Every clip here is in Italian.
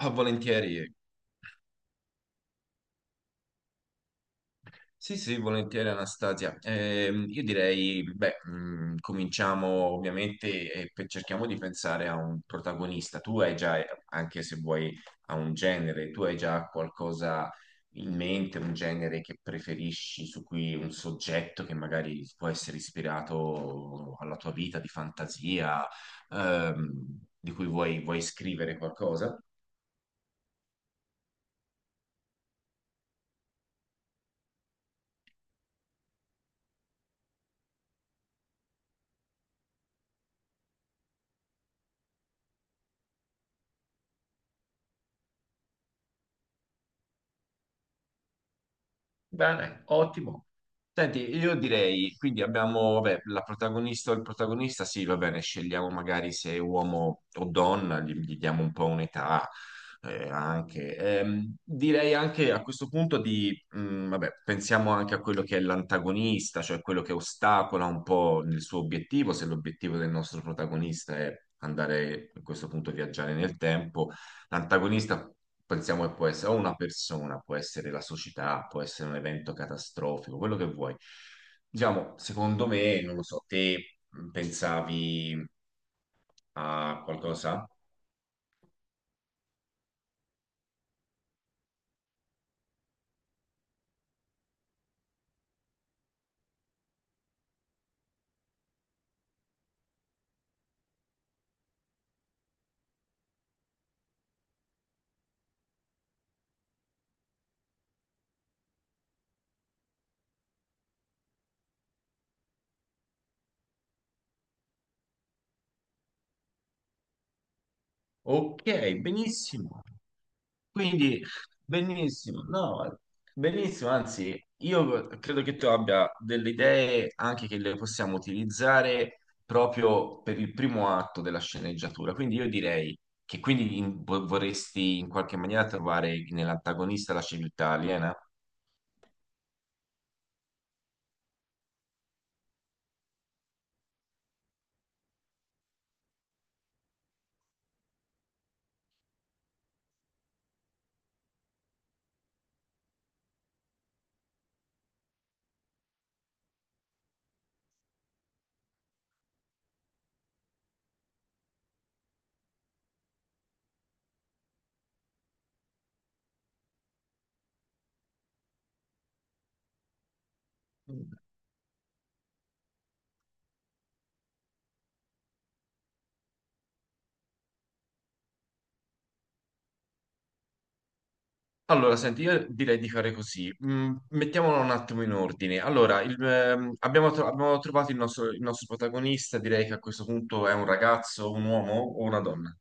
Ah, volentieri. Sì, sì, volentieri Anastasia. Io direi, beh, cominciamo ovviamente e cerchiamo di pensare a un protagonista. Tu hai già, anche se vuoi, a un genere, tu hai già qualcosa in mente, un genere che preferisci, su cui un soggetto che magari può essere ispirato alla tua vita di fantasia, ehm, di cui vuoi scrivere qualcosa? Bene, ottimo. Senti, io direi, quindi abbiamo, vabbè, la protagonista o il protagonista, sì, va bene, scegliamo magari se è uomo o donna, gli diamo un po' un'età anche. Direi anche a questo punto di, vabbè, pensiamo anche a quello che è l'antagonista, cioè quello che ostacola un po' il suo obiettivo, se l'obiettivo del nostro protagonista è andare a questo punto a viaggiare nel tempo. L'antagonista pensiamo che può essere o una persona, può essere la società, può essere un evento catastrofico, quello che vuoi. Diciamo, secondo me, non lo so, te pensavi a qualcosa? Ok, benissimo. Quindi, benissimo, no, benissimo, anzi, io credo che tu abbia delle idee anche che le possiamo utilizzare proprio per il primo atto della sceneggiatura. Quindi io direi che quindi vorresti in qualche maniera trovare nell'antagonista la civiltà aliena. Allora, senti, io direi di fare così. Mm, mettiamolo un attimo in ordine. Allora, abbiamo, abbiamo trovato il nostro protagonista, direi che a questo punto è un ragazzo, un uomo o una donna?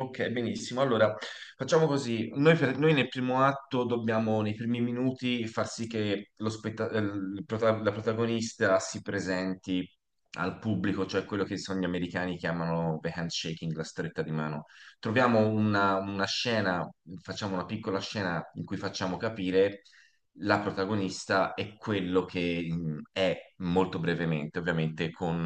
Ok, benissimo. Allora, facciamo così. Noi, noi nel primo atto dobbiamo, nei primi minuti, far sì che lo la protagonista si presenti al pubblico, cioè quello che sono gli americani chiamano the handshaking, la stretta di mano. Troviamo una scena, facciamo una piccola scena in cui facciamo capire la protagonista e quello che mm, è molto brevemente, ovviamente con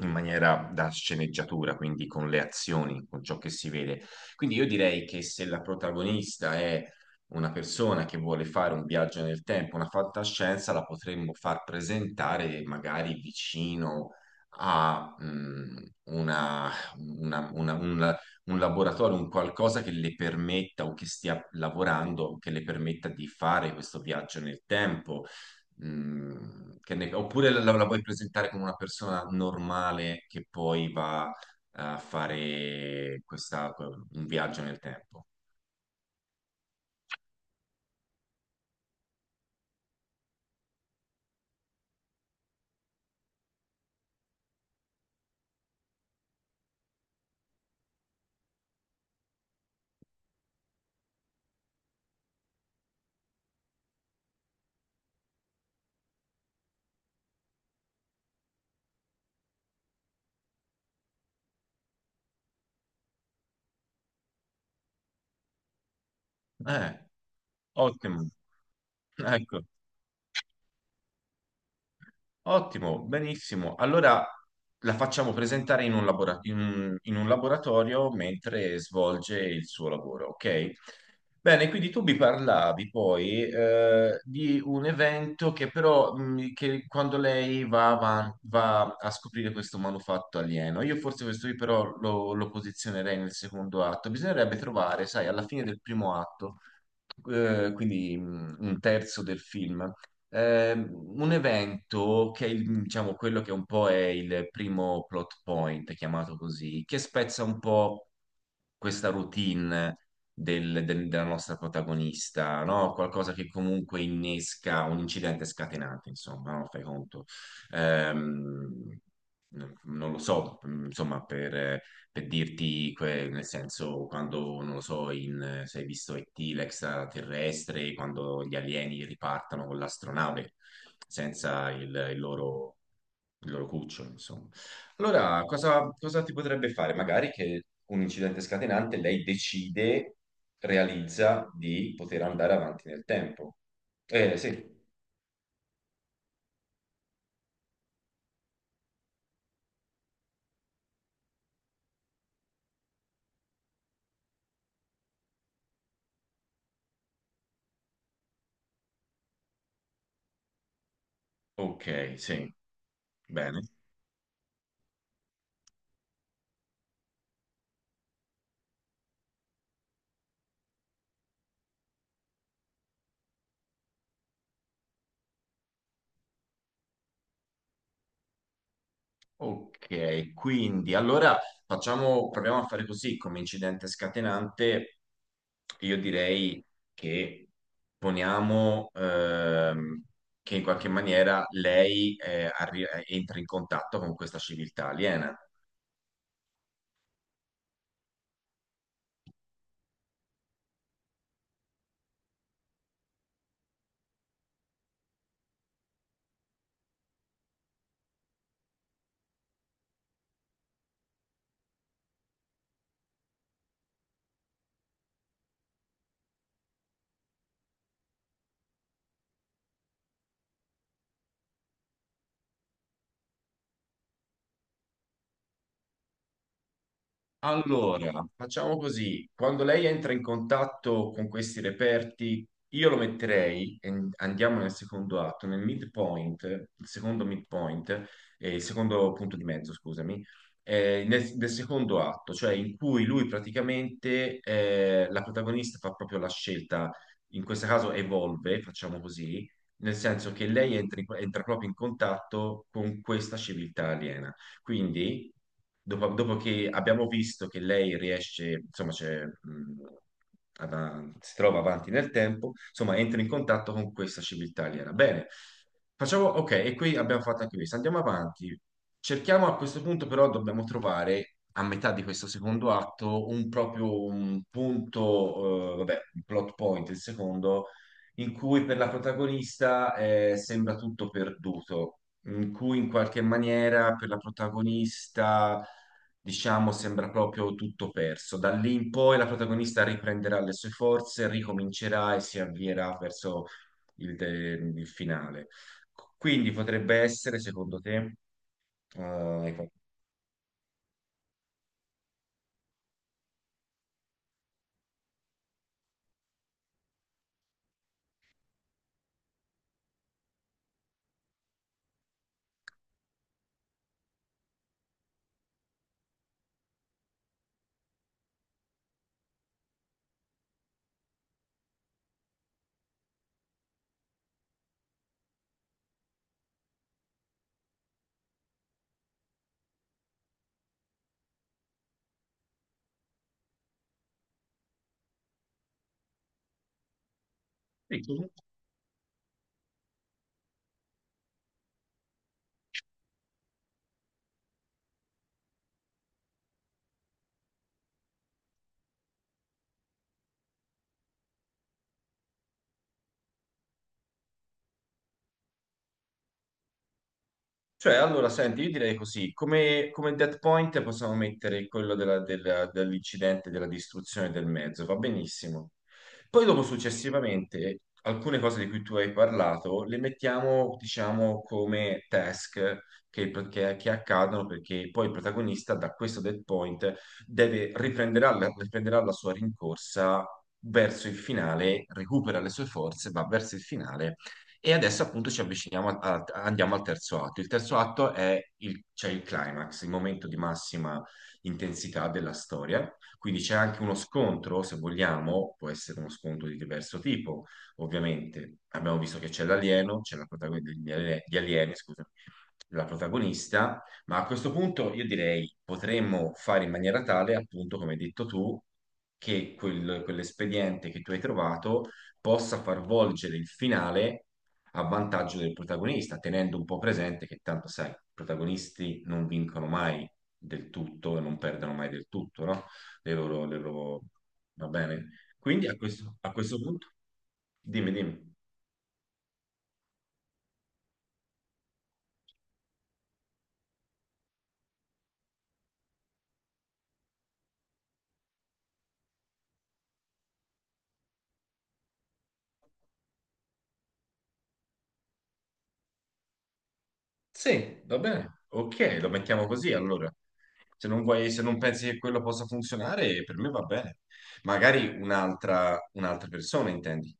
in maniera da sceneggiatura, quindi con le azioni, con ciò che si vede. Quindi io direi che se la protagonista è una persona che vuole fare un viaggio nel tempo, una fantascienza, la potremmo far presentare magari vicino a mm, una- una- una- un, un laboratorio, un qualcosa che le permetta o che stia lavorando, che le permetta di fare questo viaggio nel tempo. Mm, che oppure la vuoi presentare come una persona normale che poi va a fare questa, un viaggio nel tempo. Eh, ottimo. Ecco, ottimo, benissimo. Allora la facciamo presentare in un, labora- in un laboratorio mentre svolge il suo lavoro, ok? Bene, quindi tu mi parlavi poi di un evento che però che quando lei va, va a scoprire questo manufatto alieno, io forse questo qui però lo posizionerei nel secondo atto. Bisognerebbe trovare, sai, alla fine del primo atto quindi un terzo del film. Un evento che è diciamo, quello che un po' è il primo plot point, chiamato così, che spezza un po' questa routine della nostra protagonista, no? Qualcosa che comunque innesca un incidente scatenante, insomma, no? Fai conto. Ehm, Non lo so, insomma, per dirti, nel senso, quando, non lo so, in, se hai visto E.T., l'extraterrestre, quando gli alieni ripartano con l'astronave senza il loro il loro cucciolo, insomma. Allora, cosa, cosa ti potrebbe fare? Magari che un incidente scatenante lei decide, realizza di poter andare avanti nel tempo. Sì. Ok, sì, bene. Ok, quindi allora facciamo, proviamo a fare così come incidente scatenante. Io direi che poniamo che in qualche maniera lei entra in contatto con questa civiltà aliena. Allora, facciamo così, quando lei entra in contatto con questi reperti, io lo metterei, e andiamo nel secondo atto, nel midpoint, il secondo punto di mezzo, scusami, nel secondo atto, cioè in cui lui praticamente, la protagonista fa proprio la scelta, in questo caso evolve, facciamo così, nel senso che entra proprio in contatto con questa civiltà aliena. Quindi, dopo che abbiamo visto che lei riesce, insomma, c'è, si trova avanti nel tempo, insomma, entra in contatto con questa civiltà aliena. Bene, facciamo, ok, e qui abbiamo fatto anche questo, andiamo avanti. Cerchiamo a questo punto però dobbiamo trovare a metà di questo secondo atto un proprio un punto, vabbè, un plot point, il secondo, in cui per la protagonista sembra tutto perduto in cui in qualche maniera per la protagonista, diciamo, sembra proprio tutto perso. Da lì in poi la protagonista riprenderà le sue forze, ricomincerà e si avvierà verso il finale. Quindi potrebbe essere, secondo te, ecco. Sì. Cioè, allora, senti, io direi così, come, come dead point possiamo mettere quello dell'incidente, della distruzione del mezzo, va benissimo. Poi dopo, successivamente, alcune cose di cui tu hai parlato le mettiamo, diciamo, come task che, che accadono perché poi il protagonista da questo dead point riprenderà la sua rincorsa verso il finale, recupera le sue forze, va verso il finale e adesso appunto ci avviciniamo, andiamo al terzo atto. Il terzo atto è il, c'è il climax, il momento di massima intensità della storia. Quindi c'è anche uno scontro, se vogliamo, può essere uno scontro di diverso tipo, ovviamente. Abbiamo visto che c'è l'alieno, c'è la protagonista degli alieni, la protagonista, ma a questo punto io direi potremmo fare in maniera tale, appunto, come hai detto tu, che quell'espediente che tu hai trovato possa far volgere il finale a vantaggio del protagonista, tenendo un po' presente che tanto sai, i protagonisti non vincono mai del tutto e non perdono mai del tutto, no? Le loro- Va bene? Quindi a a questo punto, dimmi, dimmi. Sì, va bene. Ok, lo mettiamo così allora. Se non vuoi, se non pensi che quello possa funzionare, per me va bene. Magari un'altra persona, intendi.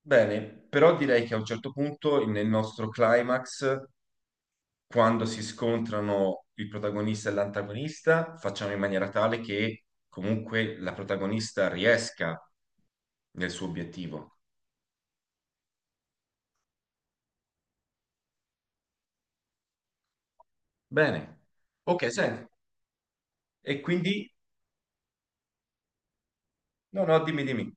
Bene, però direi che a un certo punto nel nostro climax, quando si scontrano il protagonista e l'antagonista, facciamo in maniera tale che comunque la protagonista riesca nel suo obiettivo. Bene. Ok, senti. E quindi... No, no, dimmi, dimmi.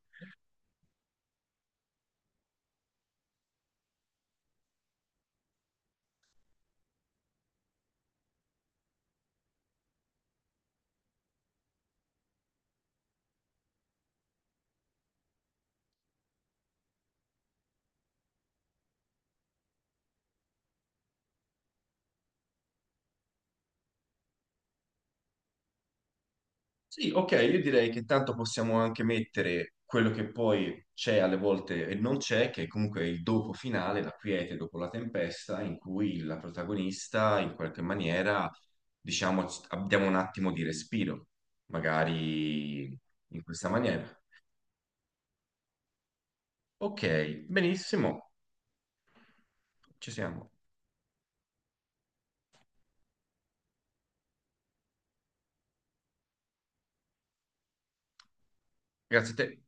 Sì, ok, io direi che tanto possiamo anche mettere quello che poi c'è alle volte e non c'è, che è comunque il dopo finale, la quiete dopo la tempesta, in cui la protagonista in qualche maniera, diciamo, abbiamo un attimo di respiro, magari in questa maniera. Ok, benissimo, ci siamo. Grazie a te.